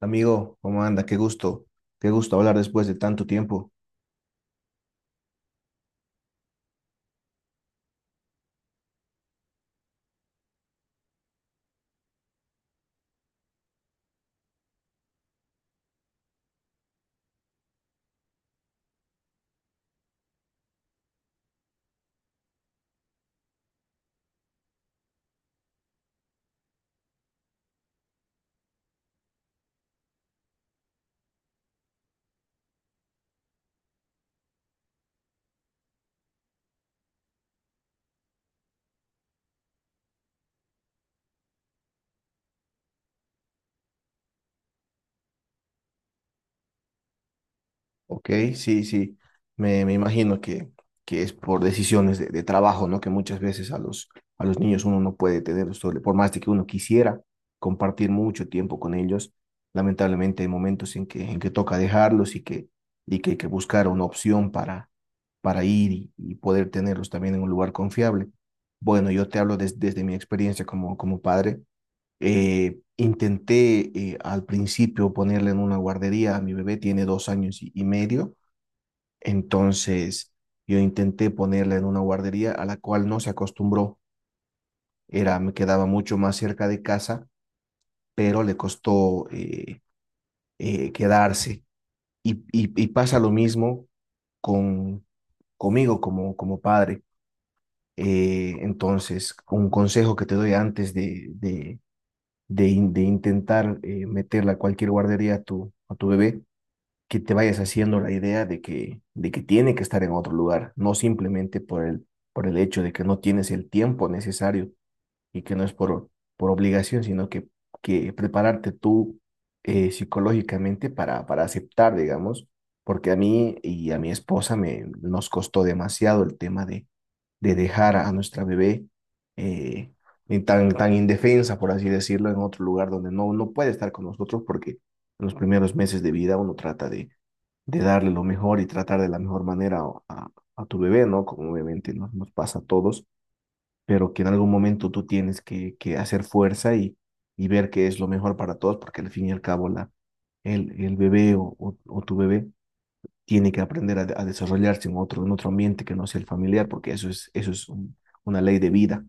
Amigo, ¿cómo anda? Qué gusto hablar después de tanto tiempo. Ok, sí, sí, me imagino que es por decisiones de trabajo, ¿no? Que muchas veces a a los niños uno no puede tener, por más de que uno quisiera compartir mucho tiempo con ellos, lamentablemente hay momentos en en que toca dejarlos y que hay que buscar una opción para ir y poder tenerlos también en un lugar confiable. Bueno, yo te hablo desde mi experiencia como, como padre. Intenté al principio ponerle en una guardería. Mi bebé tiene dos años y medio, entonces yo intenté ponerle en una guardería a la cual no se acostumbró, era, me quedaba mucho más cerca de casa, pero le costó quedarse. Y pasa lo mismo con, conmigo como, como padre. Entonces, un consejo que te doy antes de intentar meterla a cualquier guardería a a tu bebé, que te vayas haciendo la idea de de que tiene que estar en otro lugar, no simplemente por por el hecho de que no tienes el tiempo necesario y que no es por obligación, que prepararte tú psicológicamente para aceptar, digamos, porque a mí y a mi esposa me, nos costó demasiado el tema de dejar a nuestra bebé eh, tan, tan indefensa, por así decirlo, en otro lugar donde no, no puede estar con nosotros porque en los primeros meses de vida uno trata de darle lo mejor y tratar de la mejor manera a, a tu bebé, ¿no? Como obviamente nos, nos pasa a todos, pero que en algún momento tú tienes que hacer fuerza y ver qué es lo mejor para todos porque al fin y al cabo el bebé o tu bebé tiene que aprender a desarrollarse en otro ambiente que no sea el familiar, porque eso es una ley de vida.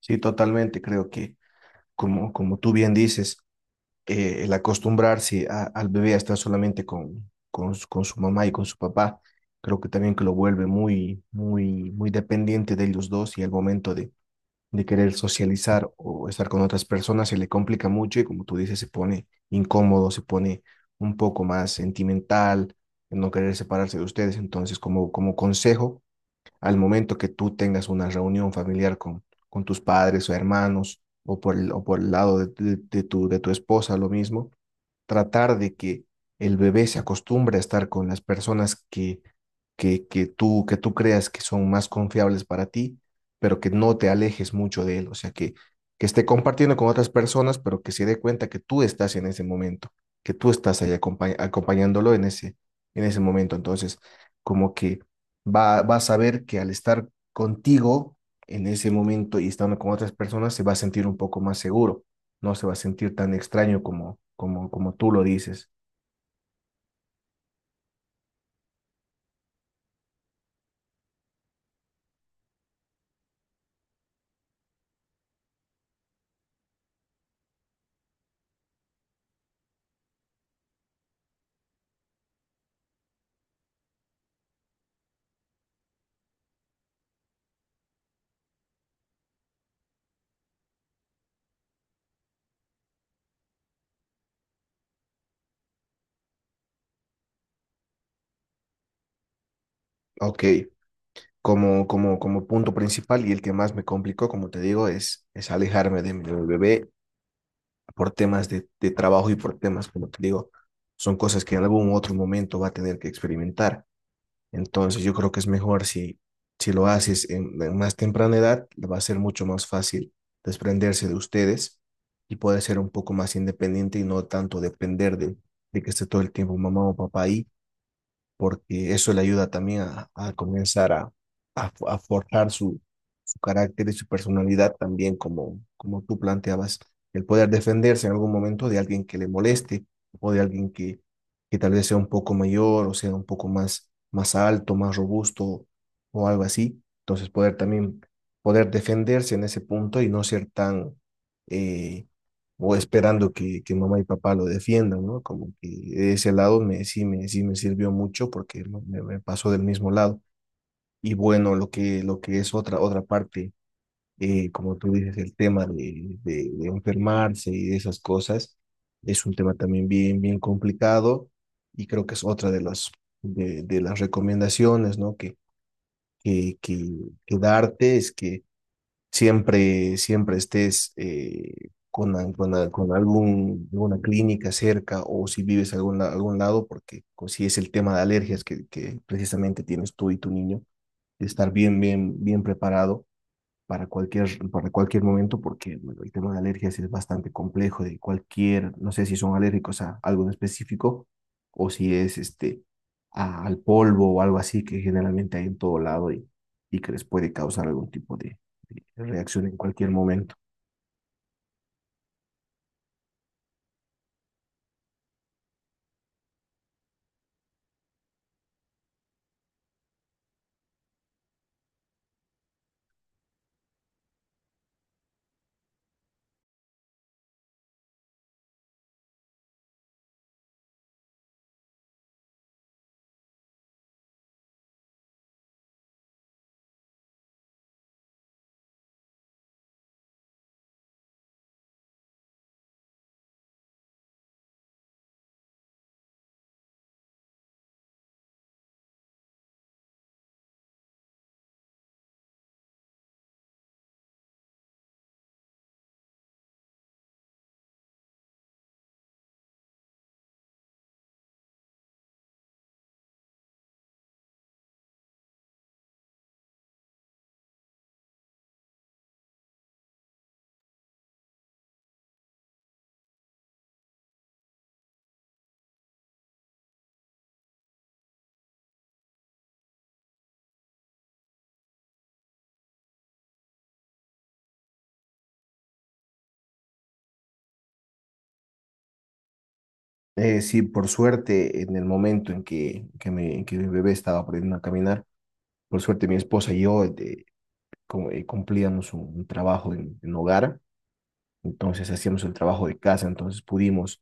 Sí, totalmente, creo que como, como tú bien dices, el acostumbrarse al bebé a estar solamente con, con su mamá y con su papá, creo que también que lo vuelve muy, muy, muy dependiente de ellos dos y al momento de querer socializar o estar con otras personas, se le complica mucho y como tú dices, se pone incómodo, se pone un poco más sentimental, no querer separarse de ustedes. Entonces, como, como consejo, al momento que tú tengas una reunión familiar con tus padres o hermanos, o por o por el lado de de tu esposa, lo mismo, tratar de que el bebé se acostumbre a estar con las personas que que tú creas que son más confiables para ti, pero que no te alejes mucho de él, o sea, que esté compartiendo con otras personas, pero que se dé cuenta que tú estás en ese momento, que tú estás ahí acompañándolo en ese momento. Entonces, como que va a saber que al estar contigo en ese momento y estando con otras personas, se va a sentir un poco más seguro, no se va a sentir tan extraño como, como, como tú lo dices. Ok, como, como, como punto principal y el que más me complicó, como te digo, es alejarme de mi bebé por temas de trabajo y por temas, como te digo, son cosas que en algún otro momento va a tener que experimentar. Entonces yo creo que es mejor si, si lo haces en más temprana edad, le va a ser mucho más fácil desprenderse de ustedes y poder ser un poco más independiente y no tanto depender de que esté todo el tiempo mamá o papá ahí porque eso le ayuda también a comenzar a, a forjar su, su carácter y su personalidad también, como, como tú planteabas, el poder defenderse en algún momento de alguien que le moleste o de alguien que tal vez sea un poco mayor o sea un poco más, más alto, más robusto o algo así. Entonces poder también poder defenderse en ese punto y no ser tan eh, o esperando que mamá y papá lo defiendan, ¿no? Como que de ese lado me, sí, me, sí me sirvió mucho porque me, me pasó del mismo lado. Y bueno, lo que es otra, otra parte, como tú dices, el tema de enfermarse y de esas cosas, es un tema también bien, bien complicado y creo que es otra de de las recomendaciones, ¿no? Que, que, que darte es que siempre, siempre estés con algún, alguna clínica cerca o si vives algún, algún lado, porque si es el tema de alergias que precisamente tienes tú y tu niño, de estar bien, bien, bien preparado para cualquier momento, porque bueno, el tema de alergias es bastante complejo, de cualquier, no sé si son alérgicos a algo en específico o si es este, al polvo o algo así que generalmente hay en todo lado y que les puede causar algún tipo de reacción en cualquier momento. Sí, por suerte, en el momento en en que mi bebé estaba aprendiendo a caminar, por suerte mi esposa y yo como, cumplíamos un trabajo en hogar, entonces hacíamos el trabajo de casa, entonces pudimos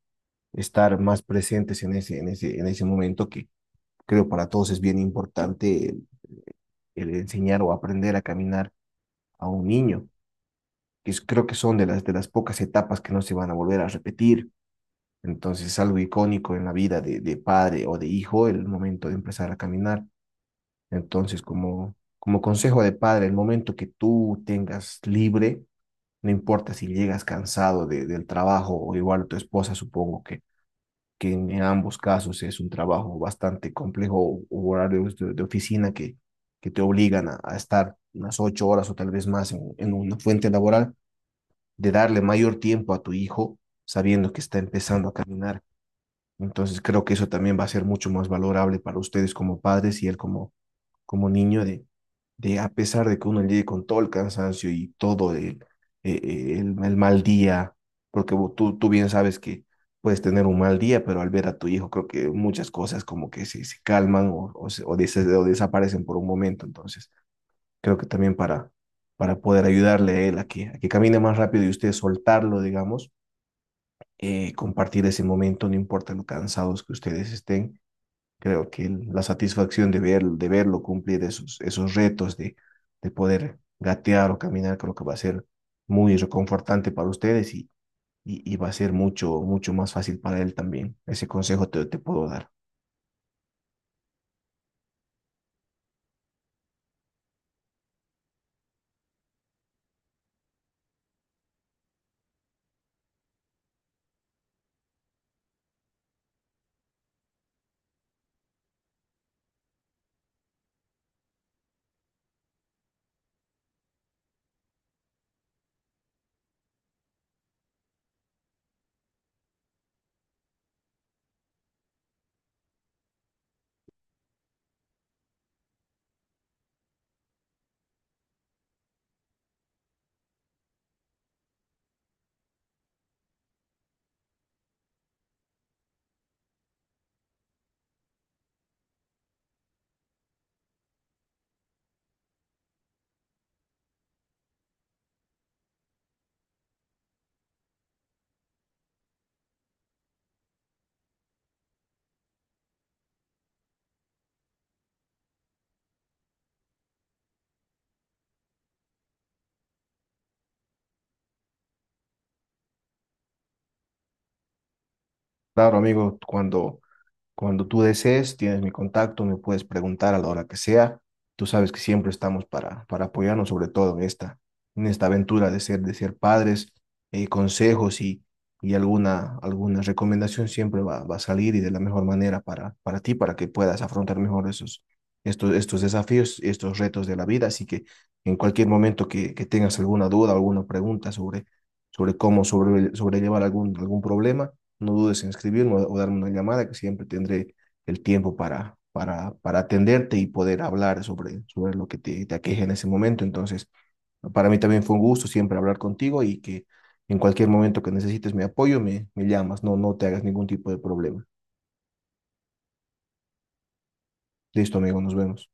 estar más presentes en ese, en ese, en ese momento que creo para todos es bien importante el enseñar o aprender a caminar a un niño, que creo que son de las pocas etapas que no se van a volver a repetir. Entonces es algo icónico en la vida de padre o de hijo el momento de empezar a caminar. Entonces, como, como consejo de padre, el momento que tú tengas libre, no importa si llegas cansado del trabajo o igual tu esposa, supongo que en ambos casos es un trabajo bastante complejo o horarios de oficina que te obligan a, estar unas 8 horas o tal vez más en una fuente laboral, de darle mayor tiempo a tu hijo sabiendo que está empezando a caminar. Entonces creo que eso también va a ser mucho más valorable para ustedes como padres y él como, como niño de a pesar de que uno llegue con todo el cansancio y todo el, el mal día, porque tú, tú bien sabes que puedes tener un mal día, pero al ver a tu hijo creo que muchas cosas como que se calman o, o desaparecen por un momento. Entonces creo que también para poder ayudarle a él a a que camine más rápido y usted soltarlo, digamos, compartir ese momento, no importa lo cansados que ustedes estén. Creo que la satisfacción de, ver, de verlo cumplir esos, esos retos, de poder gatear o caminar, creo que va a ser muy reconfortante para ustedes y va a ser mucho, mucho más fácil para él también. Ese consejo te puedo dar. Claro, amigo, cuando tú desees, tienes mi contacto, me puedes preguntar a la hora que sea. Tú sabes que siempre estamos para apoyarnos, sobre todo en esta aventura de ser padres. Eh, consejos y alguna, alguna recomendación siempre va a salir y de la mejor manera para ti, para que puedas afrontar mejor esos, estos, estos desafíos, estos retos de la vida. Así que en cualquier momento que tengas alguna duda, alguna pregunta sobre sobrellevar algún, algún problema, no dudes en escribirme o darme una llamada, que siempre tendré el tiempo para atenderte y poder hablar sobre, sobre lo que te aqueja en ese momento. Entonces, para mí también fue un gusto siempre hablar contigo y que en cualquier momento que necesites mi apoyo, me llamas, no, no te hagas ningún tipo de problema. Listo, amigo, nos vemos.